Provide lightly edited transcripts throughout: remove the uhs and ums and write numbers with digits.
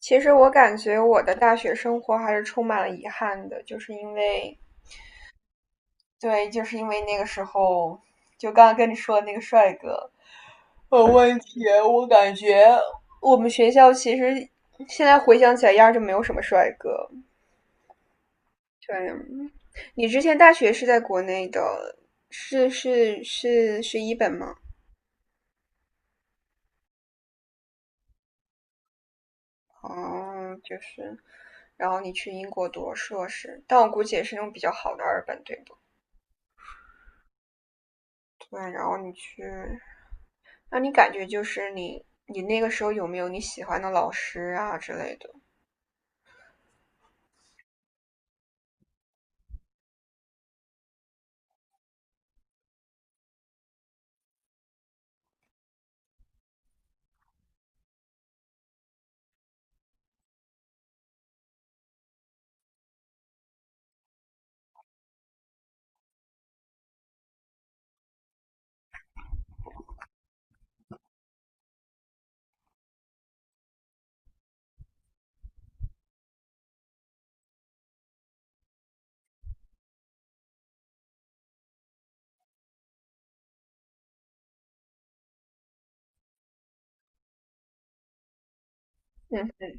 其实我感觉我的大学生活还是充满了遗憾的，就是因为，对，就是因为那个时候，就刚刚跟你说的那个帅哥有问题，我感觉我们学校其实现在回想起来，压根就没有什么帅哥。对，你之前大学是在国内的，是一本吗？哦，就是，然后你去英国读硕士，但我估计也是那种比较好的二本，对不？对，然后你去那你感觉就是你那个时候有没有你喜欢的老师啊之类的？嗯，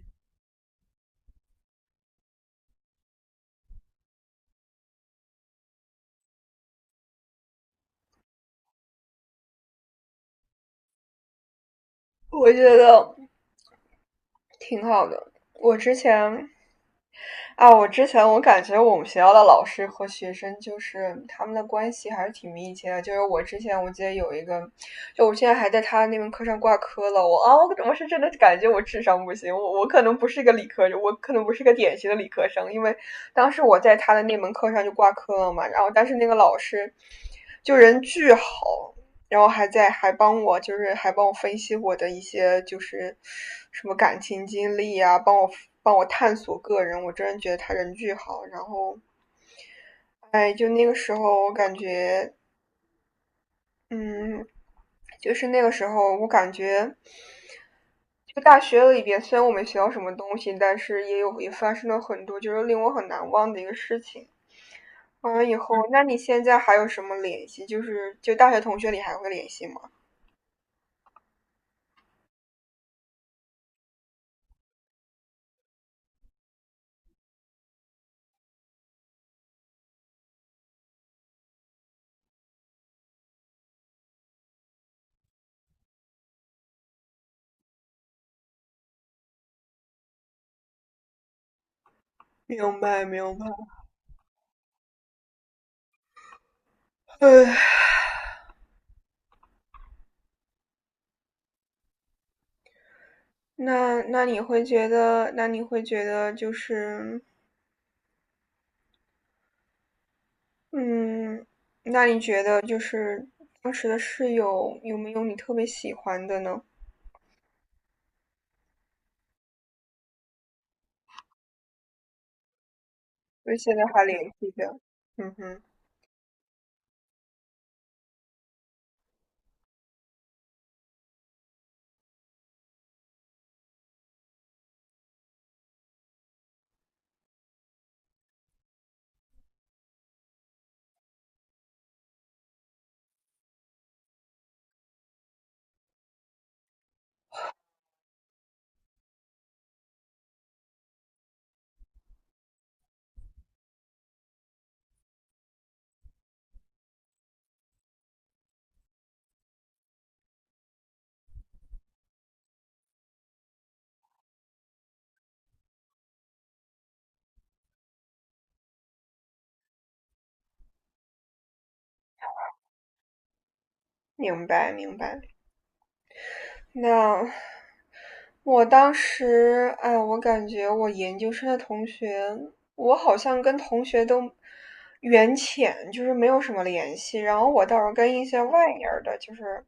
我觉得挺好的。我之前我感觉我们学校的老师和学生就是他们的关系还是挺密切的。就是我之前我记得有一个，就我现在还在他那门课上挂科了。我啊，我我是真的感觉我智商不行，我可能不是一个理科，我可能不是一个典型的理科生，因为当时我在他的那门课上就挂科了嘛。然后但是那个老师就人巨好，然后还帮我，就是还帮我分析我的一些就是什么感情经历啊，帮我探索个人，我真的觉得他人巨好。然后，哎，嗯，就是那个时候我感觉，就大学里边虽然我没学到什么东西，但是也发生了很多就是令我很难忘的一个事情。完了以后，那你现在还有什么联系？就大学同学里还会联系吗？明白，明白。唉。那那你会觉得那你会觉得就是，嗯，那你觉得就是当时的室友有没有你特别喜欢的呢？就现在还联系的？嗯哼，明白明白。那我当时，哎，我感觉我研究生的同学，我好像跟同学都缘浅，就是没有什么联系。然后我倒是跟一些外面儿的，就是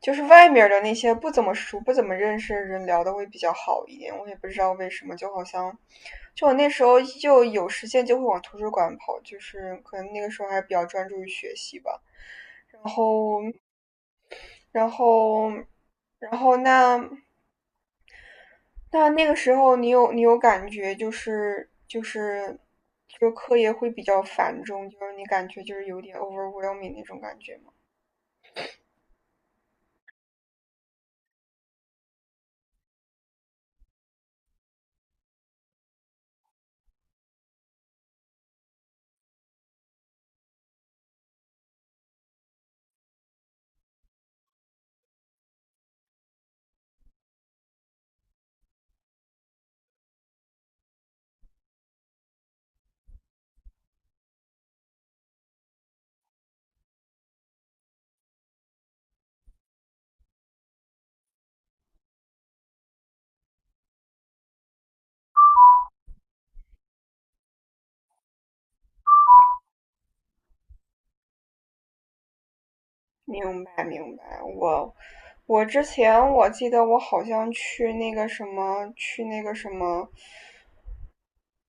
就是外面的那些不怎么熟、不怎么认识的人聊的会比较好一点。我也不知道为什么，就好像，就我那时候就有时间就会往图书馆跑，就是可能那个时候还比较专注于学习吧。然后，然后，然后那那个时候你有感觉就是就是就课业会比较繁重，就是你感觉就是有点 overwhelming 那种感觉吗？明白明白，我之前我记得我好像去那个什么去那个什么，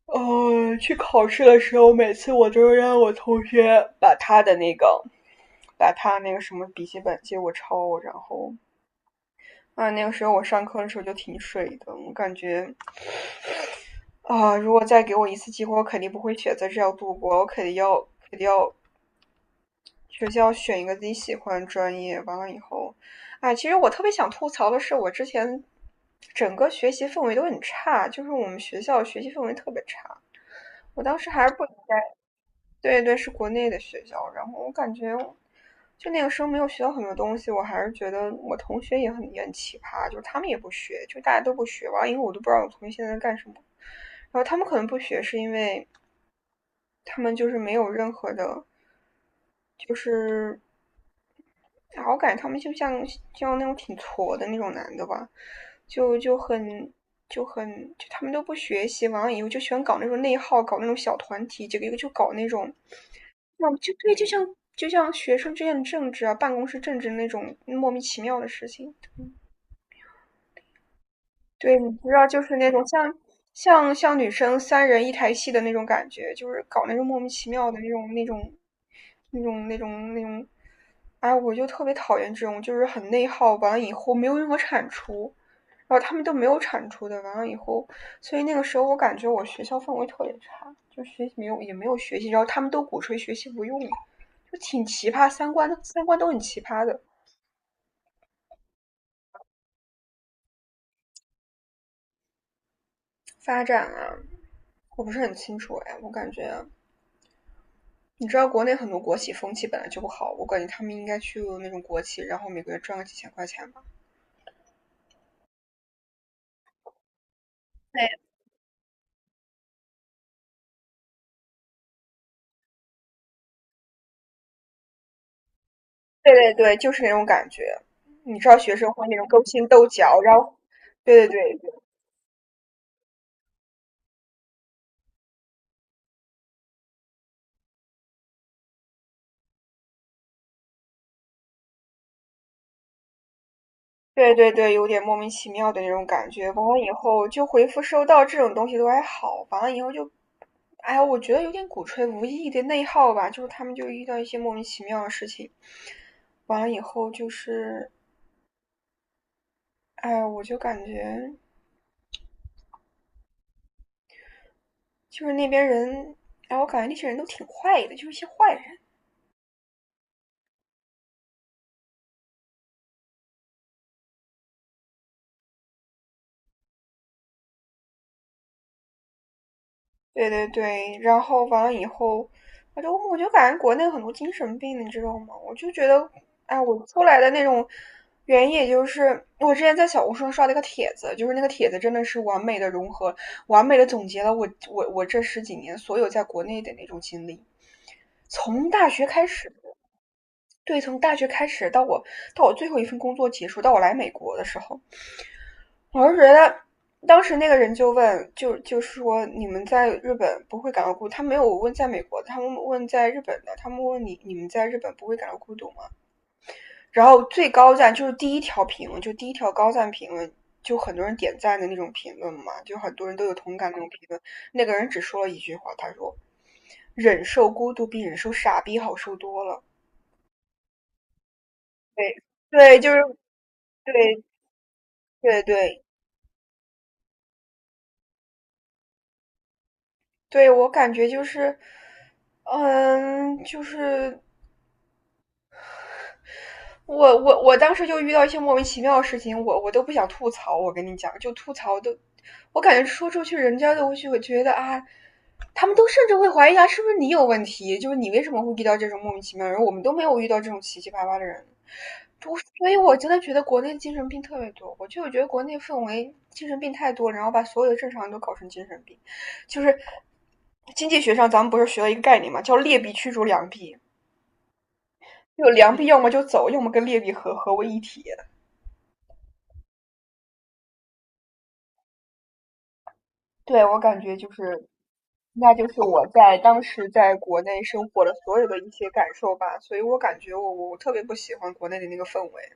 呃，去考试的时候，每次我都让我同学把他的那个把他那个什么笔记本借我抄，然后啊，那个时候我上课的时候就挺水的，我感觉啊，如果再给我一次机会，我肯定不会选择这样度过，我肯定要学校选一个自己喜欢的专业，完了以后，哎，其实我特别想吐槽的是，我之前整个学习氛围都很差，就是我们学校学习氛围特别差。我当时还是不应该，对对，是国内的学校，然后我感觉就那个时候没有学到很多东西，我还是觉得我同学也很奇葩，就是他们也不学，就大家都不学，完了以后我都不知道我同学现在在干什么。然后他们可能不学，是因为他们就是没有任何的，就是然后我感觉他们就像那种挺挫的那种男的吧，就就很就很就他们都不学习，完了以后就喜欢搞那种内耗，搞那种小团体，这个一个就搞那种，那就对，就像学生之间的政治啊，办公室政治那种莫名其妙的事情，对，你知道，就是那种像女生三人一台戏的那种感觉，就是搞那种莫名其妙的那种，哎，我就特别讨厌这种，就是很内耗，完了以后没有任何产出，然后他们都没有产出的，完了以后，所以那个时候我感觉我学校氛围特别差，就学习没有也没有学习，然后他们都鼓吹学习不用，就挺奇葩，三观都很奇葩的发展啊，我不是很清楚哎，我感觉。你知道国内很多国企风气本来就不好，我感觉他们应该去那种国企，然后每个月赚个几千块钱吧。对对对对，就是那种感觉。你知道学生会那种勾心斗角，然后，对对对对对对，有点莫名其妙的那种感觉。完了以后就回复收到这种东西都还好，完了以后就，哎呀，我觉得有点鼓吹无意义的内耗吧，就是他们就遇到一些莫名其妙的事情，完了以后就是，哎，我就感觉就是那边人，然后我感觉那些人都挺坏的，就是一些坏人。对对对，然后完了以后，我就感觉国内很多精神病，你知道吗？我就觉得，哎，我出来的那种原因，也就是我之前在小红书上刷了一个帖子，就是那个帖子真的是完美的融合，完美的总结了我这十几年所有在国内的那种经历，从大学开始。对，从大学开始到我最后一份工作结束，到我来美国的时候，我是觉得当时那个人就问，就是说你们在日本不会感到孤独，他没有问在美国的他们问在日本的，他们问你你们在日本不会感到孤独吗？然后最高赞就是第一条评论，就第一条高赞评论，就很多人点赞的那种评论嘛，就很多人都有同感那种评论。那个人只说了一句话，他说："忍受孤独比忍受傻逼好受多了。"对，对，就是对，对对对，我感觉就是，嗯，就是我当时就遇到一些莫名其妙的事情，我都不想吐槽。我跟你讲，就吐槽都，我感觉说出去，人家都会觉得啊，他们都甚至会怀疑啊，是不是你有问题？就是你为什么会遇到这种莫名其妙的人？我们都没有遇到这种奇七八八的人。所以，我真的觉得国内精神病特别多。我就觉得国内氛围精神病太多，然后把所有的正常人都搞成精神病。就是经济学上，咱们不是学了一个概念嘛，叫劣币驱逐良币。就良币要么就走，要么跟劣币合为一体。对我感觉就是，那就是我在当时在国内生活的所有的一些感受吧，所以我感觉我特别不喜欢国内的那个氛围。